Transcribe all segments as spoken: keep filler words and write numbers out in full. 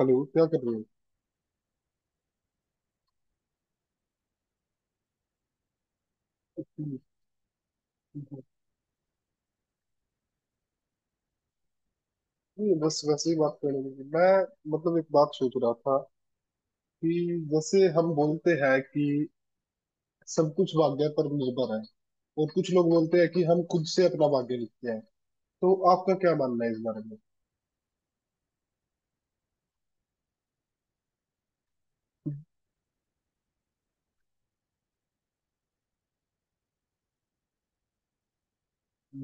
Hello, क्या कर रहे हो? नहीं, बस वैसे ही बात करने लगी मैं। मतलब एक बात सोच रहा था कि जैसे हम बोलते हैं कि सब कुछ भाग्य पर निर्भर है। और कुछ लोग बोलते हैं कि हम खुद से अपना भाग्य लिखते हैं। तो आपका क्या मानना है इस बारे में?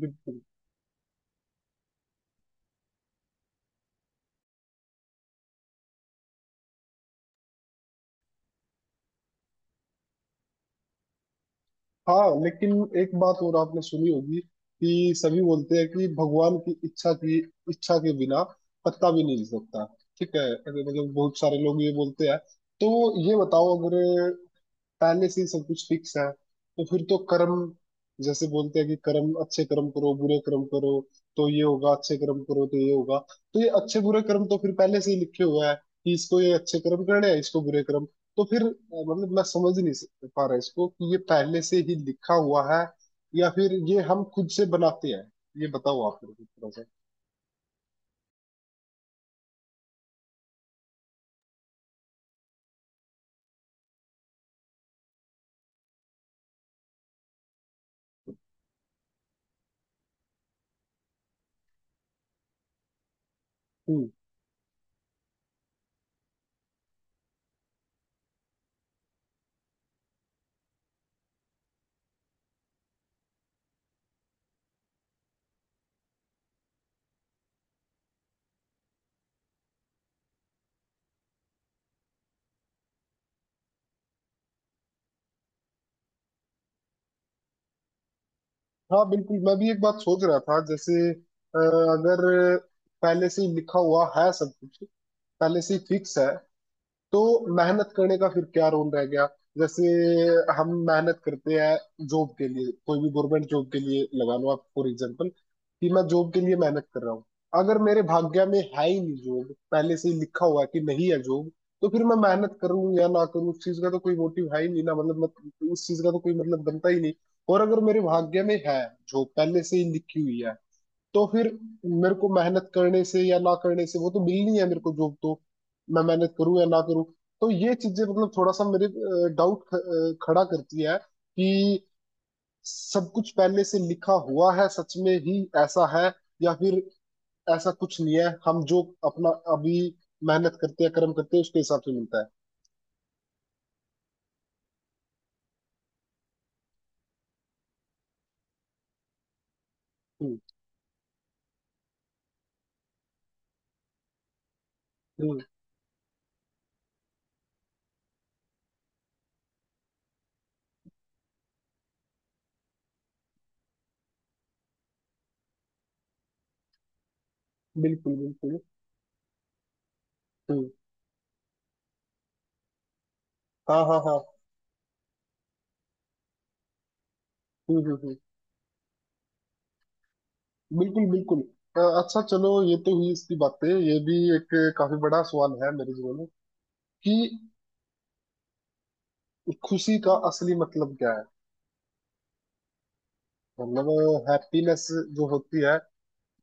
बिल्कुल। हाँ, लेकिन एक बात और आपने सुनी होगी कि सभी बोलते हैं कि भगवान की इच्छा की इच्छा के बिना पत्ता भी नहीं हिल सकता। ठीक है, अगर मतलब बहुत सारे लोग ये बोलते हैं, तो ये बताओ, अगर पहले से ही सब कुछ फिक्स है तो फिर तो कर्म, जैसे बोलते हैं कि कर्म, अच्छे कर्म करो, बुरे कर्म करो, तो ये होगा, अच्छे कर्म करो तो ये होगा। तो ये अच्छे बुरे कर्म तो फिर पहले से ही लिखे हुआ है कि इसको ये अच्छे कर्म करने हैं, इसको बुरे कर्म। तो फिर अ, मतलब मैं समझ नहीं सक- पा रहा इसको कि ये पहले से ही लिखा हुआ है, या फिर ये हम खुद से बनाते हैं। ये बताओ आप मेरे को थोड़ा सा। हम्म। हाँ बिल्कुल, मैं भी एक बात सोच रहा था, जैसे अ, अगर पहले से ही लिखा हुआ है सब कुछ, पहले से ही फिक्स है, तो मेहनत करने का फिर क्या रोल रह गया? जैसे हम मेहनत करते हैं जॉब के लिए, कोई भी गवर्नमेंट जॉब के लिए लगा लो आप, फॉर एग्जाम्पल कि मैं जॉब के लिए मेहनत कर रहा हूँ। अगर मेरे भाग्य में है ही नहीं जॉब, पहले से ही लिखा हुआ है कि नहीं है जॉब, तो फिर मैं मेहनत करूँ या ना करूँ, उस चीज का तो कोई मोटिव है ही नहीं ना, मतलब मत, उस चीज का तो कोई मतलब बनता ही नहीं। और अगर मेरे भाग्य में है, जॉब पहले से ही लिखी हुई है, तो फिर मेरे को मेहनत करने से या ना करने से वो तो मिलनी है मेरे को जॉब तो, मैं मेहनत करूं या ना करूं। तो ये चीजें मतलब थोड़ा सा मेरे डाउट खड़ा करती है कि सब कुछ पहले से लिखा हुआ है, सच में ही ऐसा है, या फिर ऐसा कुछ नहीं है, हम जो अपना अभी मेहनत करते हैं, कर्म करते हैं, उसके हिसाब से मिलता है। हम्म, हम्म। बिल्कुल, बिल्कुल। हम्म। हाँ, हाँ, हाँ। हम्म, हम्म, हम्म। बिल्कुल, बिल्कुल। अ, अच्छा चलो, ये तो हुई इसकी बातें, ये भी एक काफी बड़ा सवाल है मेरे जीवन में कि खुशी का असली मतलब क्या है, मतलब हैप्पीनेस जो होती है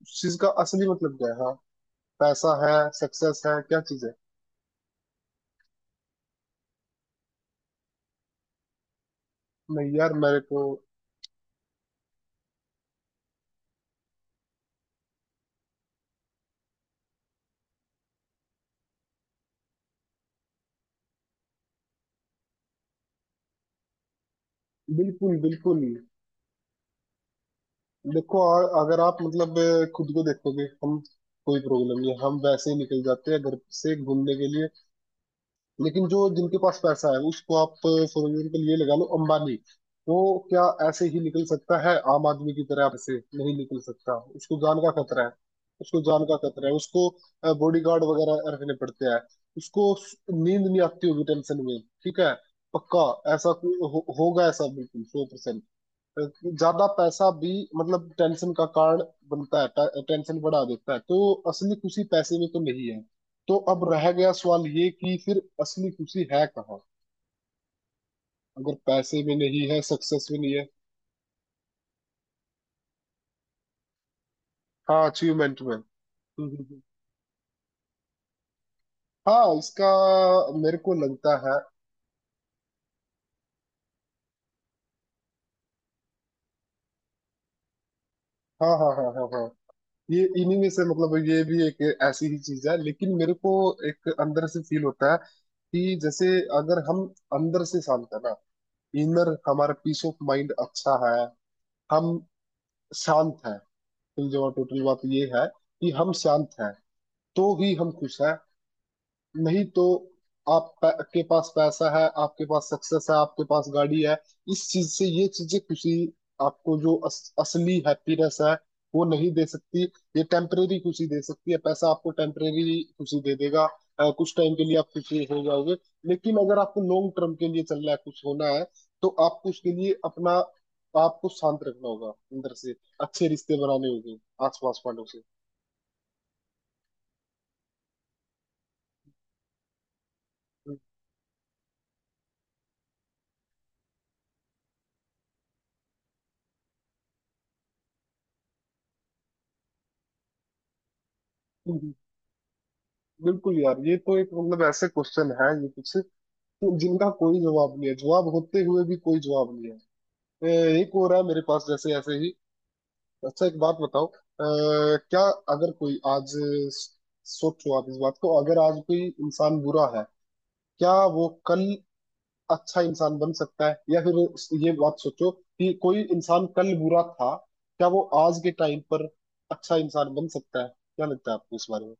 उस चीज का असली मतलब क्या है? हाँ, पैसा है? सक्सेस है? क्या चीज है? नहीं यार, मेरे को। बिल्कुल, बिल्कुल। देखो, अ- अगर आप मतलब अ, खुद को देखोगे, हम, कोई प्रॉब्लम नहीं है, हम वैसे ही निकल जाते हैं घर से घूमने के लिए। लेकिन जो जिनके पास पैसा है, उसको आप, फॉर एग्जाम्पल ये लगा लो, अंबानी, वो क्या ऐसे ही निकल सकता है आम आदमी की तरह? ऐसे नहीं निकल सकता। उसको जान का खतरा है, उसको जान का खतरा है, उसको बॉडीगार्ड वगैरह रखने पड़ते हैं, उसको नींद नहीं आती होगी टेंशन में। ठीक है, पक्का, ऐसा कोई हो, होगा ऐसा, बिल्कुल सौ परसेंट। ज्यादा पैसा भी मतलब टेंशन का कारण बनता है, टे- टेंशन बढ़ा देता है, तो असली खुशी पैसे में तो नहीं है। तो अब रह गया सवाल ये कि फिर असली खुशी है कहाँ, अगर पैसे में नहीं है, सक्सेस में नहीं है। हाँ, अचीवमेंट में। हम्म, हम्म, हम्म। हाँ, इसका मेरे को लगता है, हाँ, हाँ, हाँ, हाँ, हाँ, ये इन्हीं में से, मतलब ये भी एक ऐसी ही चीज है, लेकिन मेरे को एक अंदर से फील होता है कि जैसे अगर हम अंदर से शांत है ना, इनर, हमारा पीस ऑफ माइंड अच्छा है, हम शांत हैं, टोटल बात ये है कि हम शांत हैं तो ही हम खुश हैं। नहीं तो, आप पै- के पास पैसा है, आपके पास सक्सेस है, आपके पास गाड़ी है, इस चीज से, ये चीजें खुशी, आपको जो अस, असली हैप्पीनेस है, वो नहीं दे सकती। ये टेम्परेरी खुशी दे सकती है, पैसा आपको टेम्परेरी खुशी दे देगा, अ, कुछ टाइम के लिए आप खुशी हो जाओगे। लेकिन अगर आपको लॉन्ग टर्म के लिए चलना है, कुछ होना है, तो आपको उसके लिए अपना, आपको शांत रखना होगा अंदर से, अच्छे रिश्ते बनाने होंगे आस पास वालों से। हम्म, हम्म, बिल्कुल यार, ये तो एक मतलब ऐसे क्वेश्चन है ये कुछ, तो जिनका कोई जवाब नहीं है, जवाब होते हुए भी कोई जवाब नहीं है। ए, एक और है मेरे पास, जैसे ऐसे ही। अच्छा, एक बात बताओ। अ, क्या, अगर कोई आज स- सोचो आप इस बात को, अगर आज कोई इंसान बुरा है, क्या वो कल अच्छा इंसान बन सकता है, या फिर उस- ये बात सोचो कि कोई इंसान कल बुरा था, क्या वो आज के टाइम पर अच्छा इंसान बन सकता है? क्या लगता है आपको इस बारे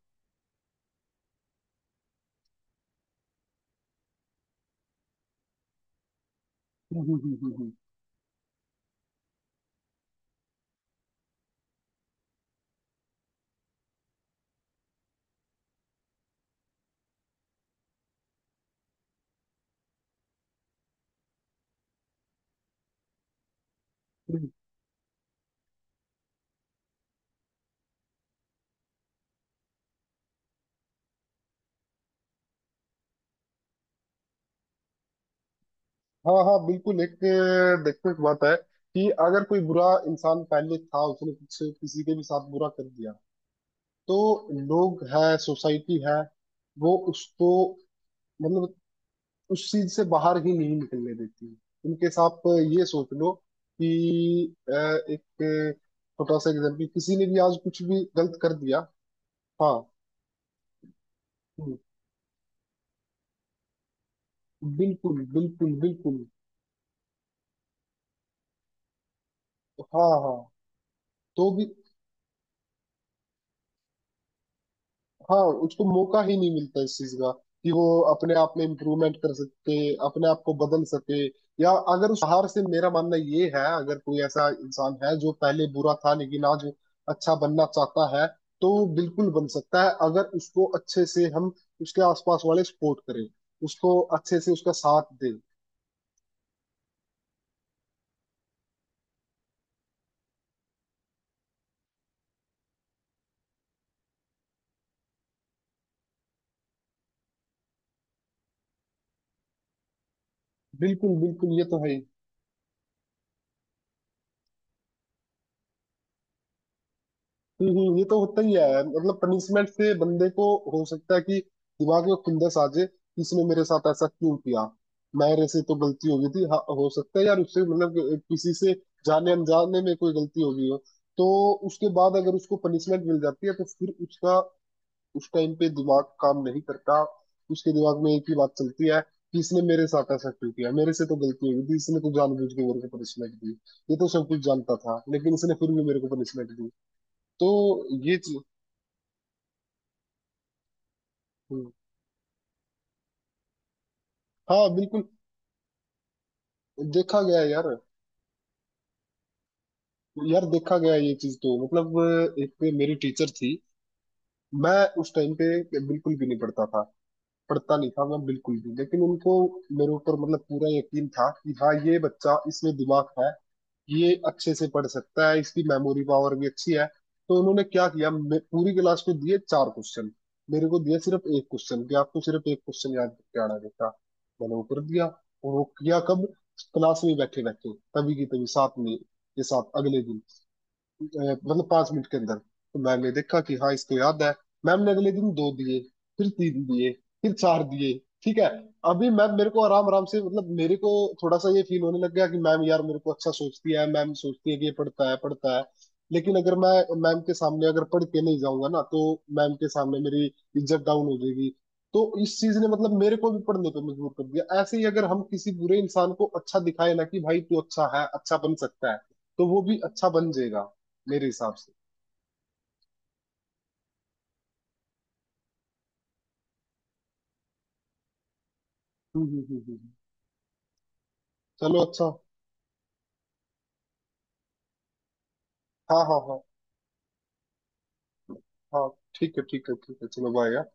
में? हाँ, हाँ, बिल्कुल, एक देखने की बात है कि अगर कोई बुरा इंसान पहले था, उसने कुछ किसी के भी साथ बुरा कर दिया, तो लोग है, सोसाइटी है, वो उसको मतलब उस चीज से बाहर ही नहीं निकलने देती। उनके साथ ये सोच लो कि अ, एक छोटा सा एग्जाम्पल, किसी ने भी आज कुछ भी गलत कर दिया। हाँ, हम्म, बिल्कुल, बिल्कुल, बिल्कुल, हाँ, हाँ, तो भी, हाँ, उसको मौका ही नहीं मिलता इस चीज का कि वो अपने आप में इम्प्रूवमेंट कर सके, अपने आप को बदल सके। या अगर उस हार से, मेरा मानना ये है, अगर कोई ऐसा इंसान है जो पहले बुरा था लेकिन आज अच्छा बनना चाहता है, तो वो बिल्कुल बन सकता है, अगर उसको अच्छे से हम, उसके आसपास वाले सपोर्ट करें, उसको अच्छे से उसका साथ दें। बिल्कुल, बिल्कुल, ये तो है ही। हम्म, हम्म, ये तो होता ही है, मतलब पनिशमेंट से बंदे को हो सकता है कि दिमाग में खुंदस आ जाए कि इसने मेरे साथ ऐसा क्यों किया, मेरे से तो गलती हो गई थी। हाँ, हो सकता है यार, उससे मतलब किसी से जाने अनजाने में कोई गलती हो गई हो, तो उसके बाद अगर उसको पनिशमेंट मिल जाती है, तो फिर उसका उस टाइम पे दिमाग काम नहीं करता, उसके दिमाग में एक ही बात चलती है कि इसने मेरे साथ ऐसा क्यों किया, मेरे से तो गलती हो गई थी, इसने तो जानबूझ के मेरे को पनिशमेंट दी, ये तो सब कुछ जानता था लेकिन इसने फिर भी मेरे को पनिशमेंट दी, तो ये चीज। हाँ बिल्कुल, देखा गया है यार, यार देखा गया है ये चीज तो, मतलब एक मेरी टीचर थी। मैं उस टाइम पे बिल्कुल भी नहीं पढ़ता था, पढ़ता नहीं था मैं बिल्कुल भी, लेकिन उनको मेरे ऊपर मतलब पूरा यकीन था कि हाँ, ये बच्चा, इसमें दिमाग है, ये अच्छे से पढ़ सकता है, इसकी मेमोरी पावर भी अच्छी है। तो उन्होंने क्या किया, मे- पूरी क्लास को दिए चार क्वेश्चन, मेरे को दिया सिर्फ एक क्वेश्चन कि आपको सिर्फ एक क्वेश्चन याद करके आना है बेटा। मैंने वो कर दिया, और वो किया कब? क्लास में बैठे बैठे, तभी की तभी, साथ में के साथ। अगले दिन मतलब पांच मिनट के अंदर तो मैम ने देखा कि हाँ, इसको याद है। मैम ने अगले दिन दो दिए, फिर तीन दिए, फिर चार दिए। ठीक है, अभी मैम मेरे को आराम आराम से, मतलब मेरे को थोड़ा सा ये फील होने लग गया कि मैम यार मेरे को अच्छा सोचती है, मैम सोचती है कि ये पढ़ता है, पढ़ता है। लेकिन अगर मैं, मैम के सामने अगर पढ़ के नहीं जाऊंगा ना, तो मैम के सामने मेरी इज्जत डाउन हो जाएगी। तो इस चीज ने मतलब मेरे को भी पढ़ने पे मजबूर कर दिया। ऐसे ही, अगर हम किसी बुरे इंसान को अच्छा दिखाए ना कि भाई तू अच्छा है, अच्छा बन सकता है, तो वो भी अच्छा बन जाएगा, मेरे हिसाब से। हम्म, हम्म, हम्म, हम्म। चलो अच्छा। हाँ, हाँ, हाँ, हाँ। ठीक है, ठीक है, ठीक है, चलो बाय यार।